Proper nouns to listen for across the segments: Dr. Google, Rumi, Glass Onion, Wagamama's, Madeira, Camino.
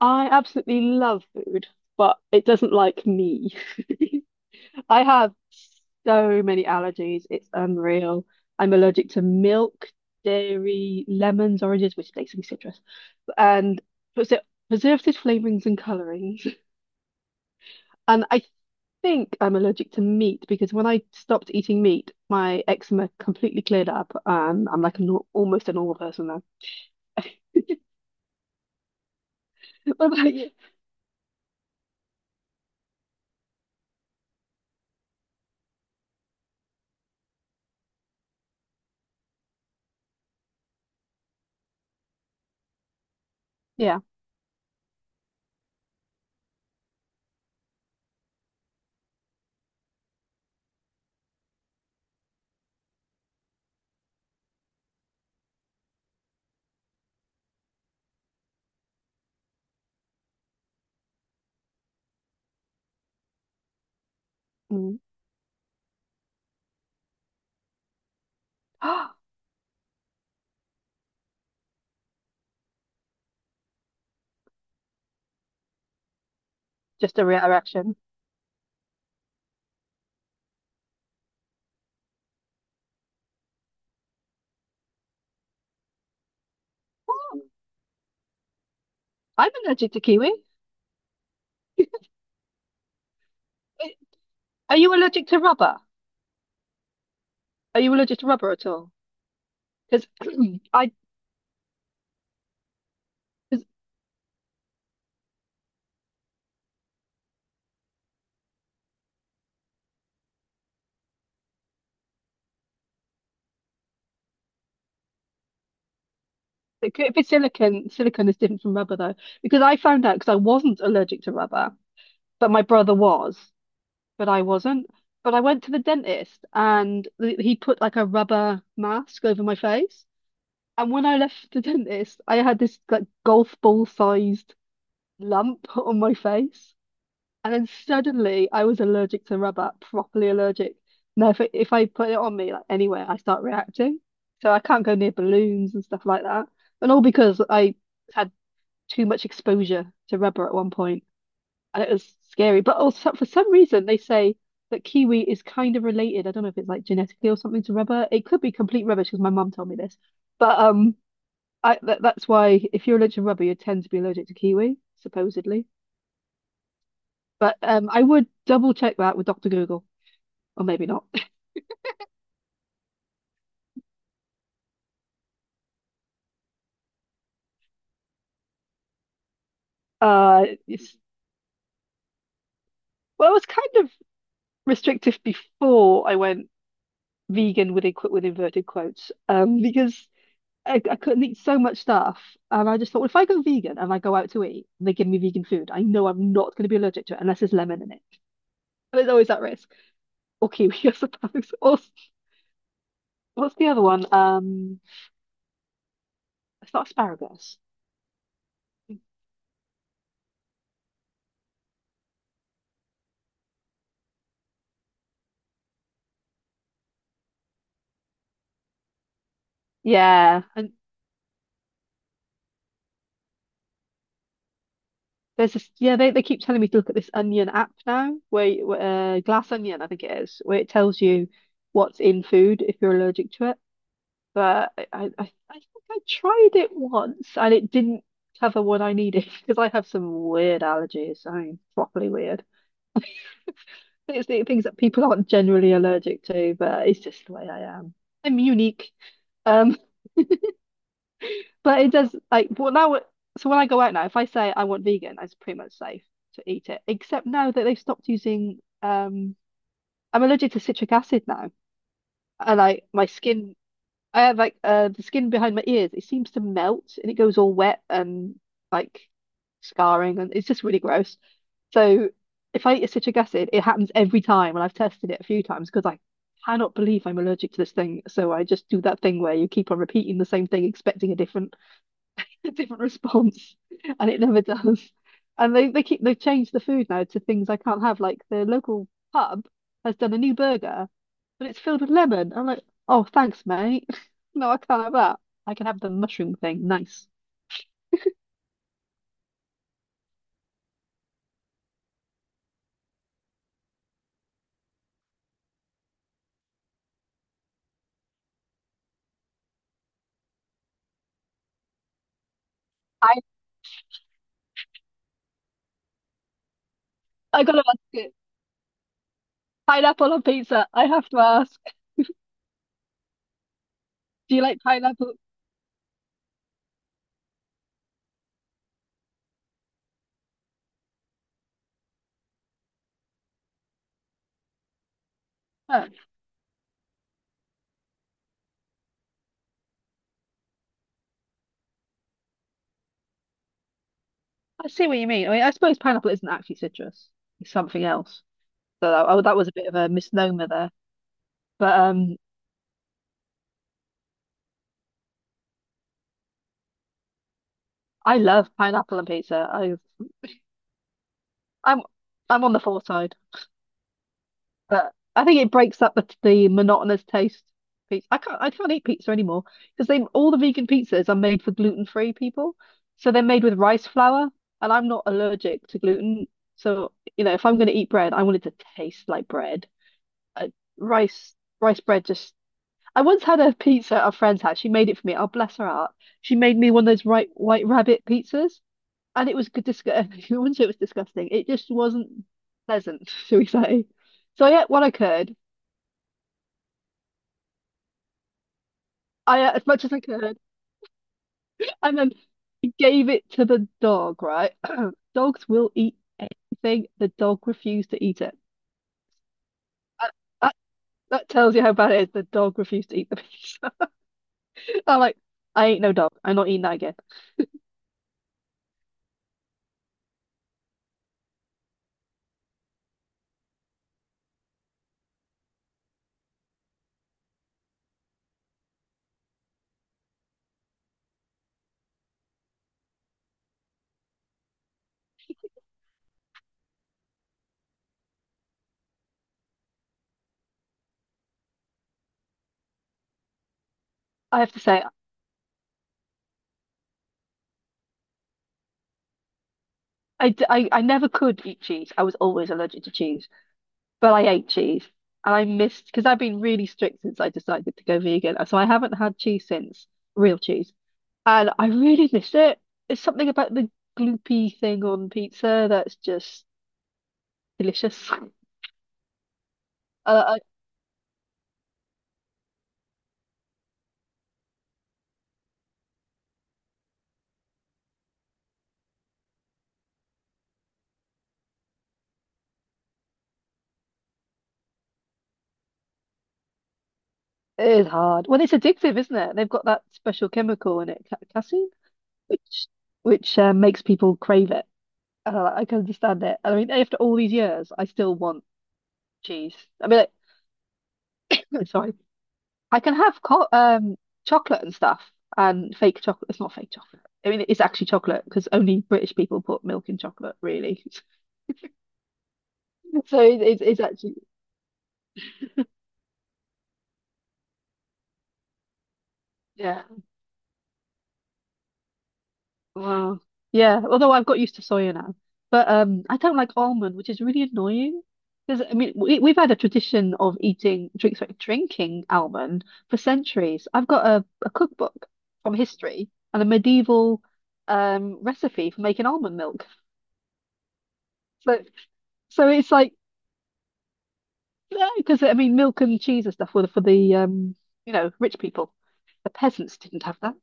I absolutely love food, but it doesn't like me. I have so many allergies. It's unreal. I'm allergic to milk, dairy, lemons, oranges, which basically citrus, and preser- preservatives, flavorings, and colorings. And I think I'm allergic to meat because when I stopped eating meat, my eczema completely cleared up, and I'm like a nor almost a normal person now. What about you? Yeah. Mm. Just a reaction. I'm allergic to kiwi. Are you allergic to rubber? Are you allergic to rubber at all? Because I, cause it could- if it's silicon, silicon is different from rubber though. Because I found out because I wasn't allergic to rubber, but my brother was, but I wasn't. But I went to the dentist and he put like a rubber mask over my face. And when I left the dentist, I had this like golf ball sized lump on my face. And then suddenly I was allergic to rubber, properly allergic. Now if I put it on me like anywhere, I start reacting. So I can't go near balloons and stuff like that. And all because I had too much exposure to rubber at one point, and it was scary. But also for some reason they say that kiwi is kind of related. I don't know if it's like genetically or something to rubber. It could be complete rubbish because my mum told me this. But that's why if you're allergic to rubber, you tend to be allergic to kiwi, supposedly. But I would double check that with Dr. Google. Or maybe not. Uh, it's, well, I was kind of restrictive before I went vegan with inverted quotes because I couldn't eat so much stuff. And I just thought, well, if I go vegan and I go out to eat and they give me vegan food, I know I'm not going to be allergic to it unless there's lemon in it. But there's always that risk. Or kiwi, I suppose. Or what's the other one? It's not asparagus. Yeah. And yeah, they keep telling me to look at this Onion app now, where, Glass Onion, I think it is, where it tells you what's in food if you're allergic to it. But I think I tried it once and it didn't cover what I needed because I have some weird allergies. I mean, properly weird. It's the things that people aren't generally allergic to, but it's just the way I am. I'm unique. um. But it does like well now. So when I go out now, if I say I want vegan, it's pretty much safe to eat it. Except now that they've stopped using I'm allergic to citric acid now, and like my skin, I have like the skin behind my ears. It seems to melt and it goes all wet and like scarring, and it's just really gross. So if I eat a citric acid, it happens every time, and I've tested it a few times because I cannot believe I'm allergic to this thing. So I just do that thing where you keep on repeating the same thing, expecting a different a different response, and it never does. And they keep They've changed the food now to things I can't have. Like the local pub has done a new burger, but it's filled with lemon. I'm like, oh, thanks, mate. No, I can't have that. I can have the mushroom thing. Nice. I I gotta ask it. Pineapple on pizza. I have to ask. Do you like pineapple? Oh, I see what you mean. I mean, I suppose pineapple isn't actually citrus. It's something else. So that was a bit of a misnomer there. But I love pineapple on pizza. I'm I'm on the four side, but I think it breaks up the monotonous taste of pizza. I can't eat pizza anymore because they all the vegan pizzas are made for gluten-free people, so they're made with rice flour, and I'm not allergic to gluten. So you know, if I'm going to eat bread, I want it to taste like bread. Uh, rice rice bread just. I once had a pizza at a friend's house. She made it for me. Oh, bless her heart. She made me one of those right white rabbit pizzas and it was good disgusting. I wouldn't say it was disgusting. It just wasn't pleasant, shall we say? So I ate what I could. I ate as much as I could, and then gave it to the dog. Right? Dogs will eat thing. The dog refused to eat it. That, that that tells you how bad it is. The dog refused to eat the piece. I'm like, I ain't no dog. I'm not eating that again. I have to say, I never could eat cheese. I was always allergic to cheese. But I ate cheese and I missed because I've been really strict since I decided to go vegan. So I haven't had cheese since, real cheese. And I really miss it. It's something about the gloopy thing on pizza that's just delicious. Uh, it is hard. Well, it's addictive, isn't it? They've got that special chemical in it, casein, which which makes people crave it. And I can understand it. And I mean, after all these years, I still want cheese. I mean, like, sorry, I can have co chocolate and stuff and fake chocolate. It's not fake chocolate. I mean, it's actually chocolate because only British people put milk in chocolate, really. So it's actually. Yeah. Wow. Yeah. Although I've got used to soya now, but I, don't like almond, which is really annoying. Because I mean, we've had a tradition of eating drink, sorry, drinking almond for centuries. I've got a cookbook from history and a medieval recipe for making almond milk. So so it's like no, because I mean, milk and cheese and stuff were for the you know, rich people. The peasants didn't have that.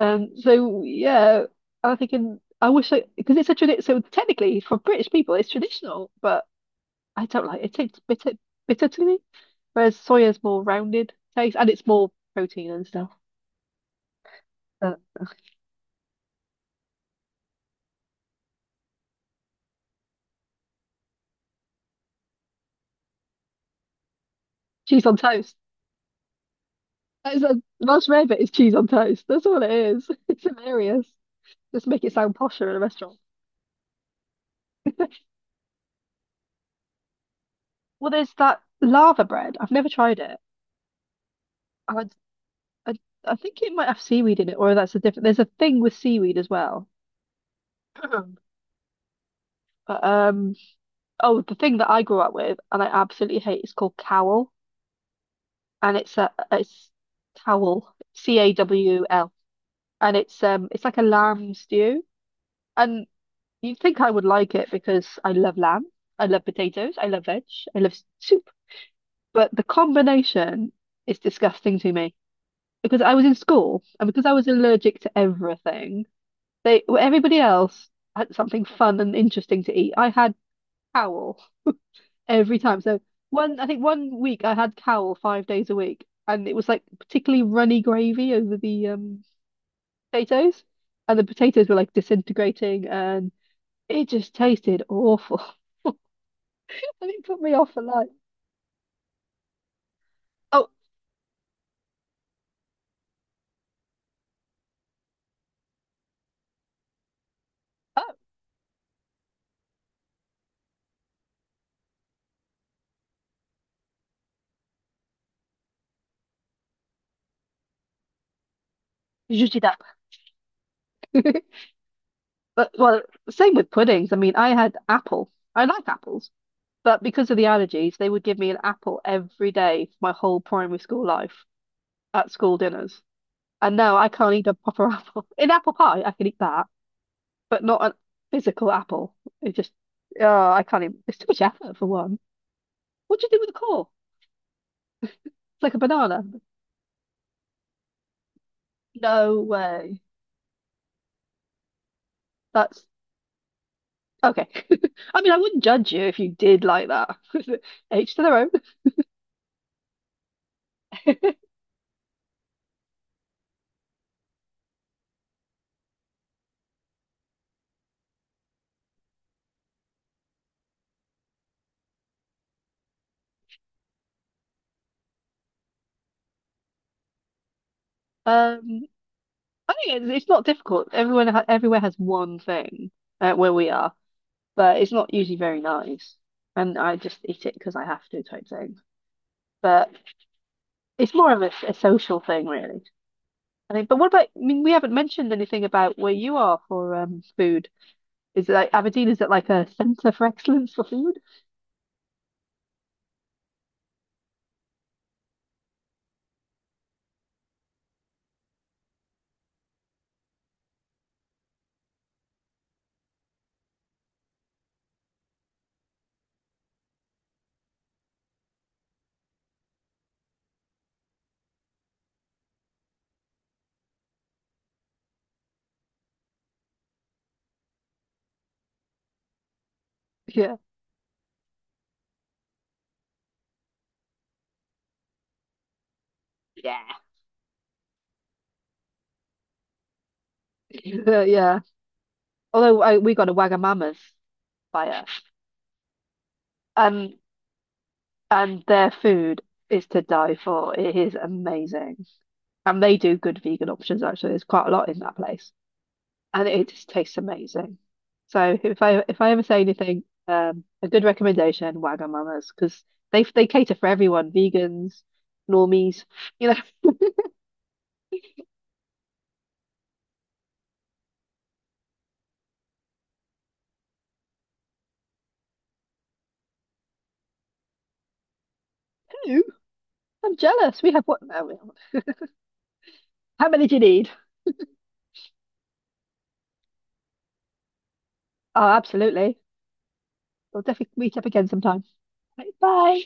So yeah, I'm thinking I wish I because it's a tradition. So technically, for British people, it's traditional, but I don't like it. It tastes bitter, bitter to me. Whereas soya's more rounded taste, and it's more protein and stuff. But cheese on toast. That is a most rare bit is cheese on toast. That's all it is. It's hilarious. Just make it sound posher in a restaurant. Well, there's that lava bread. I've never tried it. I I I think it might have seaweed in it, or that's a different. There's a thing with seaweed as well. But Oh, the thing that I grew up with and I absolutely hate is called cowl, and it's cowl, Cawl, and it's like a lamb stew, and you'd think I would like it because I love lamb, I love potatoes, I love veg, I love soup, but the combination is disgusting to me because I was in school and because I was allergic to everything. They everybody else had something fun and interesting to eat. I had cowl every time. So one, I think one week I had cowl 5 days a week, and it was like particularly runny gravy over the potatoes, and the potatoes were like disintegrating, and it just tasted awful, and it put me off for life. Oh, oh, zhuzh it up. But well, same with puddings. I mean, I had apple. I like apples, but because of the allergies, they would give me an apple every day for my whole primary school life. At school dinners. And now I can't eat a proper apple. In apple pie, I can eat that, but not a physical apple. It just, oh, I can't even. It's too much effort for one. What do you do with the core? It's like a banana. No way. That's okay. I mean, I wouldn't judge you if you did like that. Each to their own. Um, I think it's not difficult. Everyone, ha Everywhere has one thing where we are, but it's not usually very nice. And I just eat it because I have to type thing. But it's more of a social thing, really. I think. But what about? I mean, we haven't mentioned anything about where you are for food. Is it like Aberdeen? Is it like a centre for excellence for food? Yeah, yeah. Yeah. Although I, we got a Wagamama's by us, um, and their food is to die for. It is amazing, and they do good vegan options. Actually, there's quite a lot in that place. And it just tastes amazing. So if I ever say anything, a good recommendation, Wagamama's, because they cater for everyone, vegans, normies. You're like, ooh, I'm jealous. We have what? How many do you need? Oh, absolutely. We'll definitely meet up again sometime. Like, bye.